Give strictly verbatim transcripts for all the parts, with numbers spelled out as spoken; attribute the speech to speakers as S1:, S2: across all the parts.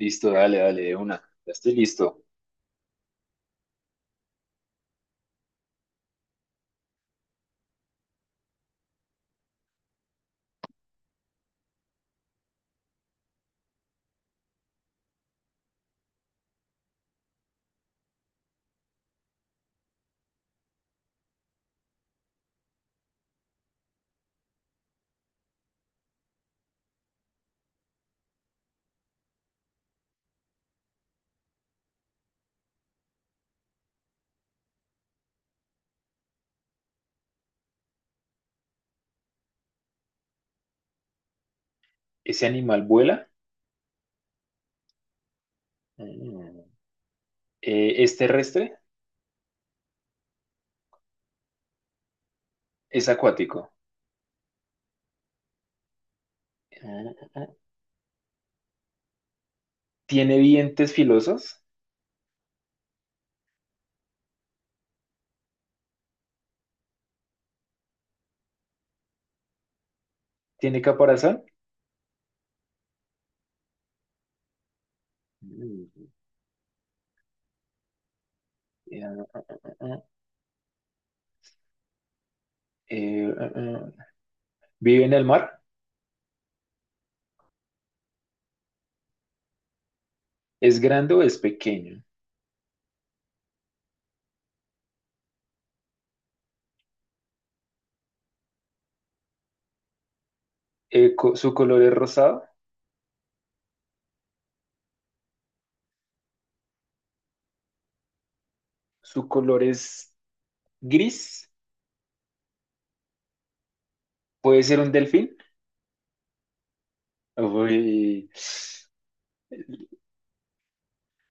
S1: Listo, dale, dale, de una. Ya estoy listo. ¿Ese animal vuela? Mm. Eh, ¿es terrestre? ¿Es acuático? Mm. ¿Tiene dientes filosos? ¿Tiene caparazón? Mm. Eh, eh, eh, ¿vive en el mar? ¿Es grande o es pequeño? Eh, co- ¿su color es rosado? ¿Su color es gris? ¿Puede ser un delfín? Uy,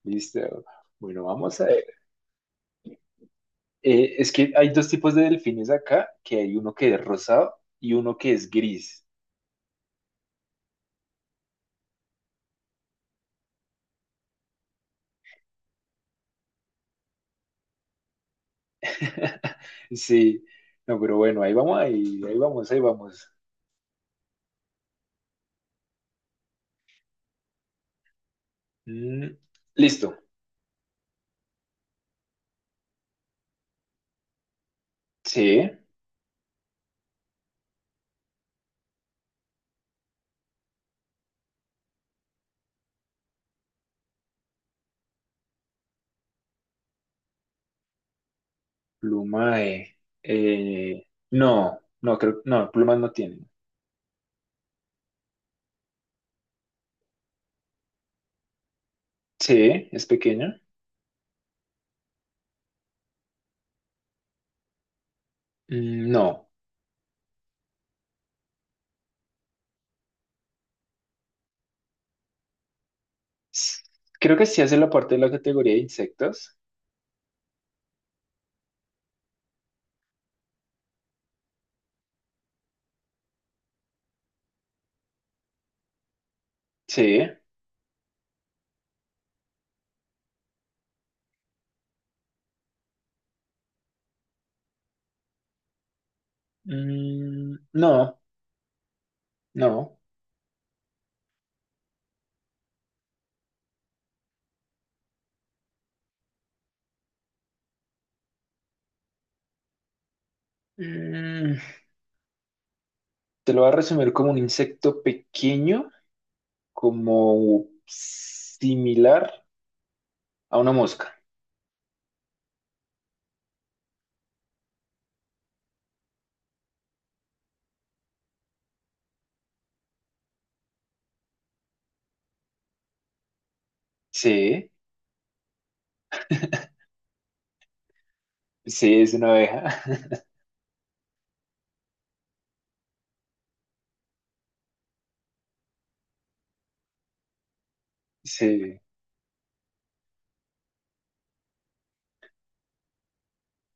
S1: listo. Bueno, vamos a. Eh, es que hay dos tipos de delfines acá, que hay uno que es rosado y uno que es gris. Sí, no, pero bueno, ahí vamos, ahí, ahí vamos, ahí vamos. Mm, listo. Sí, pluma de... eh, no, no, creo, no, plumas no tiene. Sí, es pequeña. Mm, no. S- Creo que sí hace la parte de la categoría de insectos. Sí. Mm, no, no. Mm, te lo voy a resumir como un insecto pequeño, como similar a una mosca. Sí, sí, es una abeja. Sí,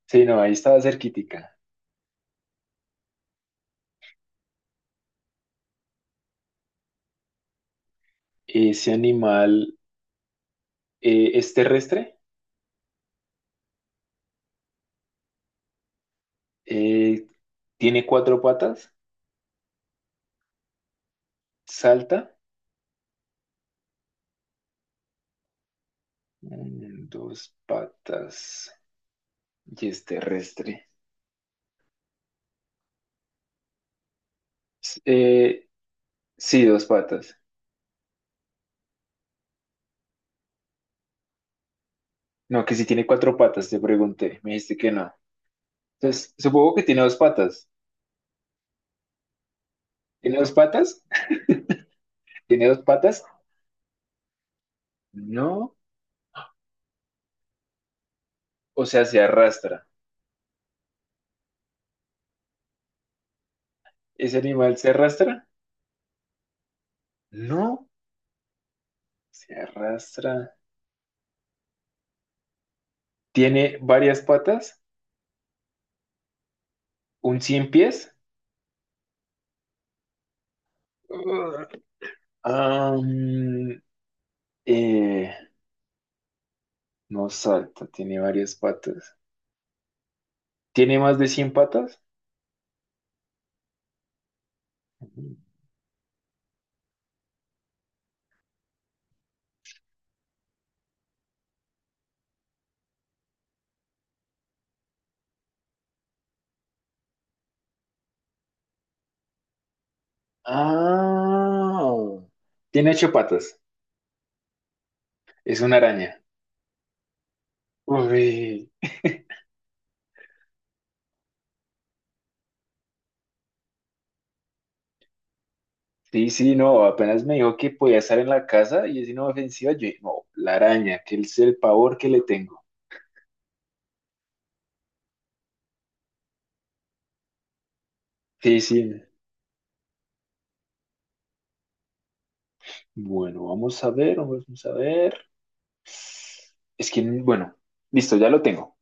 S1: sí, no, ahí estaba cerquítica. Ese animal eh, es terrestre, eh, tiene cuatro patas, salta, mm, dos patas, y es terrestre. S- eh, sí, dos patas. No, que si tiene cuatro patas, te pregunté, me dijiste que no. Entonces, supongo que tiene dos patas. ¿Tiene dos patas? ¿Tiene dos patas? No. O sea, se arrastra. ¿Ese animal se arrastra? No, se arrastra. ¿Tiene varias patas? ¿Un cien pies? Ugh. Am, eh, no salta, tiene varias patas. ¿Tiene más de cien patas? Ah, tiene ocho patas. Es una araña. Uy, sí, sí, no, apenas me dijo que podía estar en la casa y es inofensiva. Yo, dije, no, la araña, que es el pavor que le tengo. Sí, sí. Bueno, vamos a ver, vamos a ver. Es que, bueno, listo, ya lo tengo.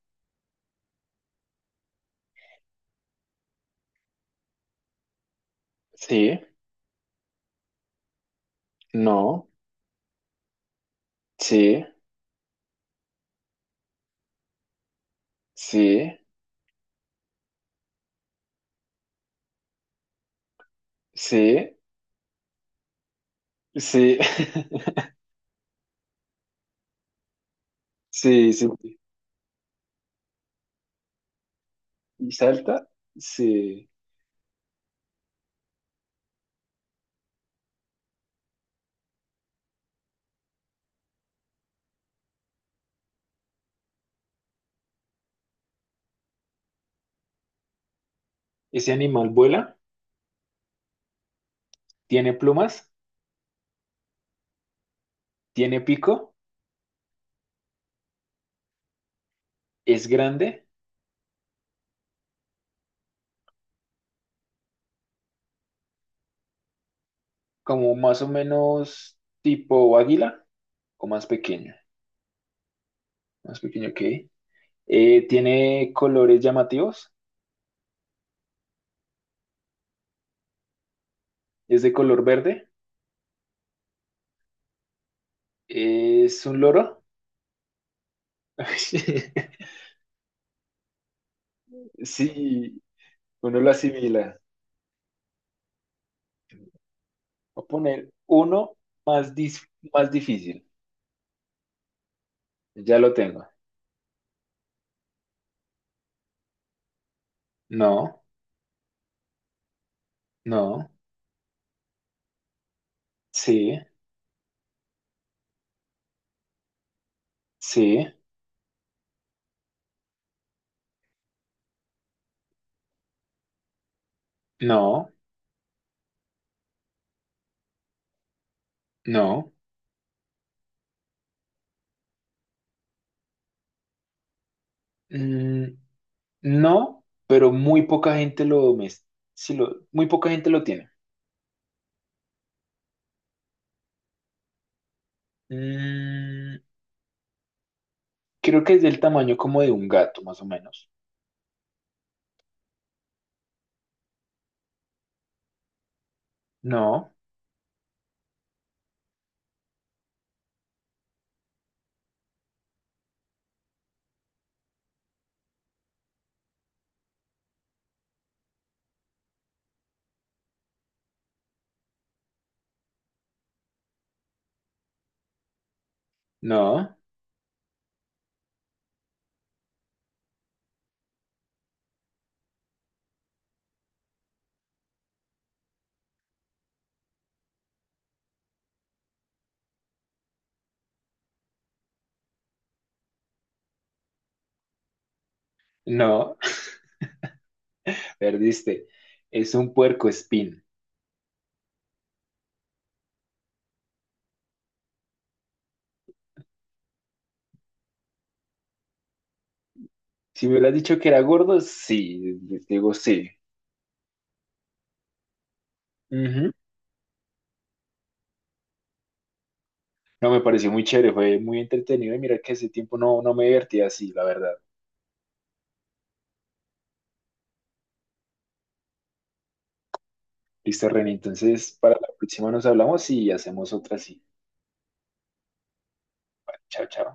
S1: Sí, no, sí, sí, sí, sí, sí, sí. Y salta, sí. Ese animal vuela, tiene plumas, tiene pico, es grande, como más o menos tipo águila o más pequeño, más pequeño que. Eh, tiene colores llamativos, es de color verde, es un loro. Sí, uno lo asimila. Voy a poner uno más, dis- más difícil. Ya lo tengo. No, no, sí, sí, no, no. Mm, no, pero muy poca gente lo, mes- sí lo- muy poca gente lo tiene. Mm, creo que es del tamaño como de un gato, más o menos. No, no, no. Perdiste. Es un puercoespín. Si me hubieras dicho que era gordo, sí, digo sí. Ujú. No, me pareció muy chévere, fue muy entretenido y mira que ese tiempo no, no me divertía así, la verdad. Listo, René, entonces para la próxima nos hablamos y hacemos otra así. Chao, chao.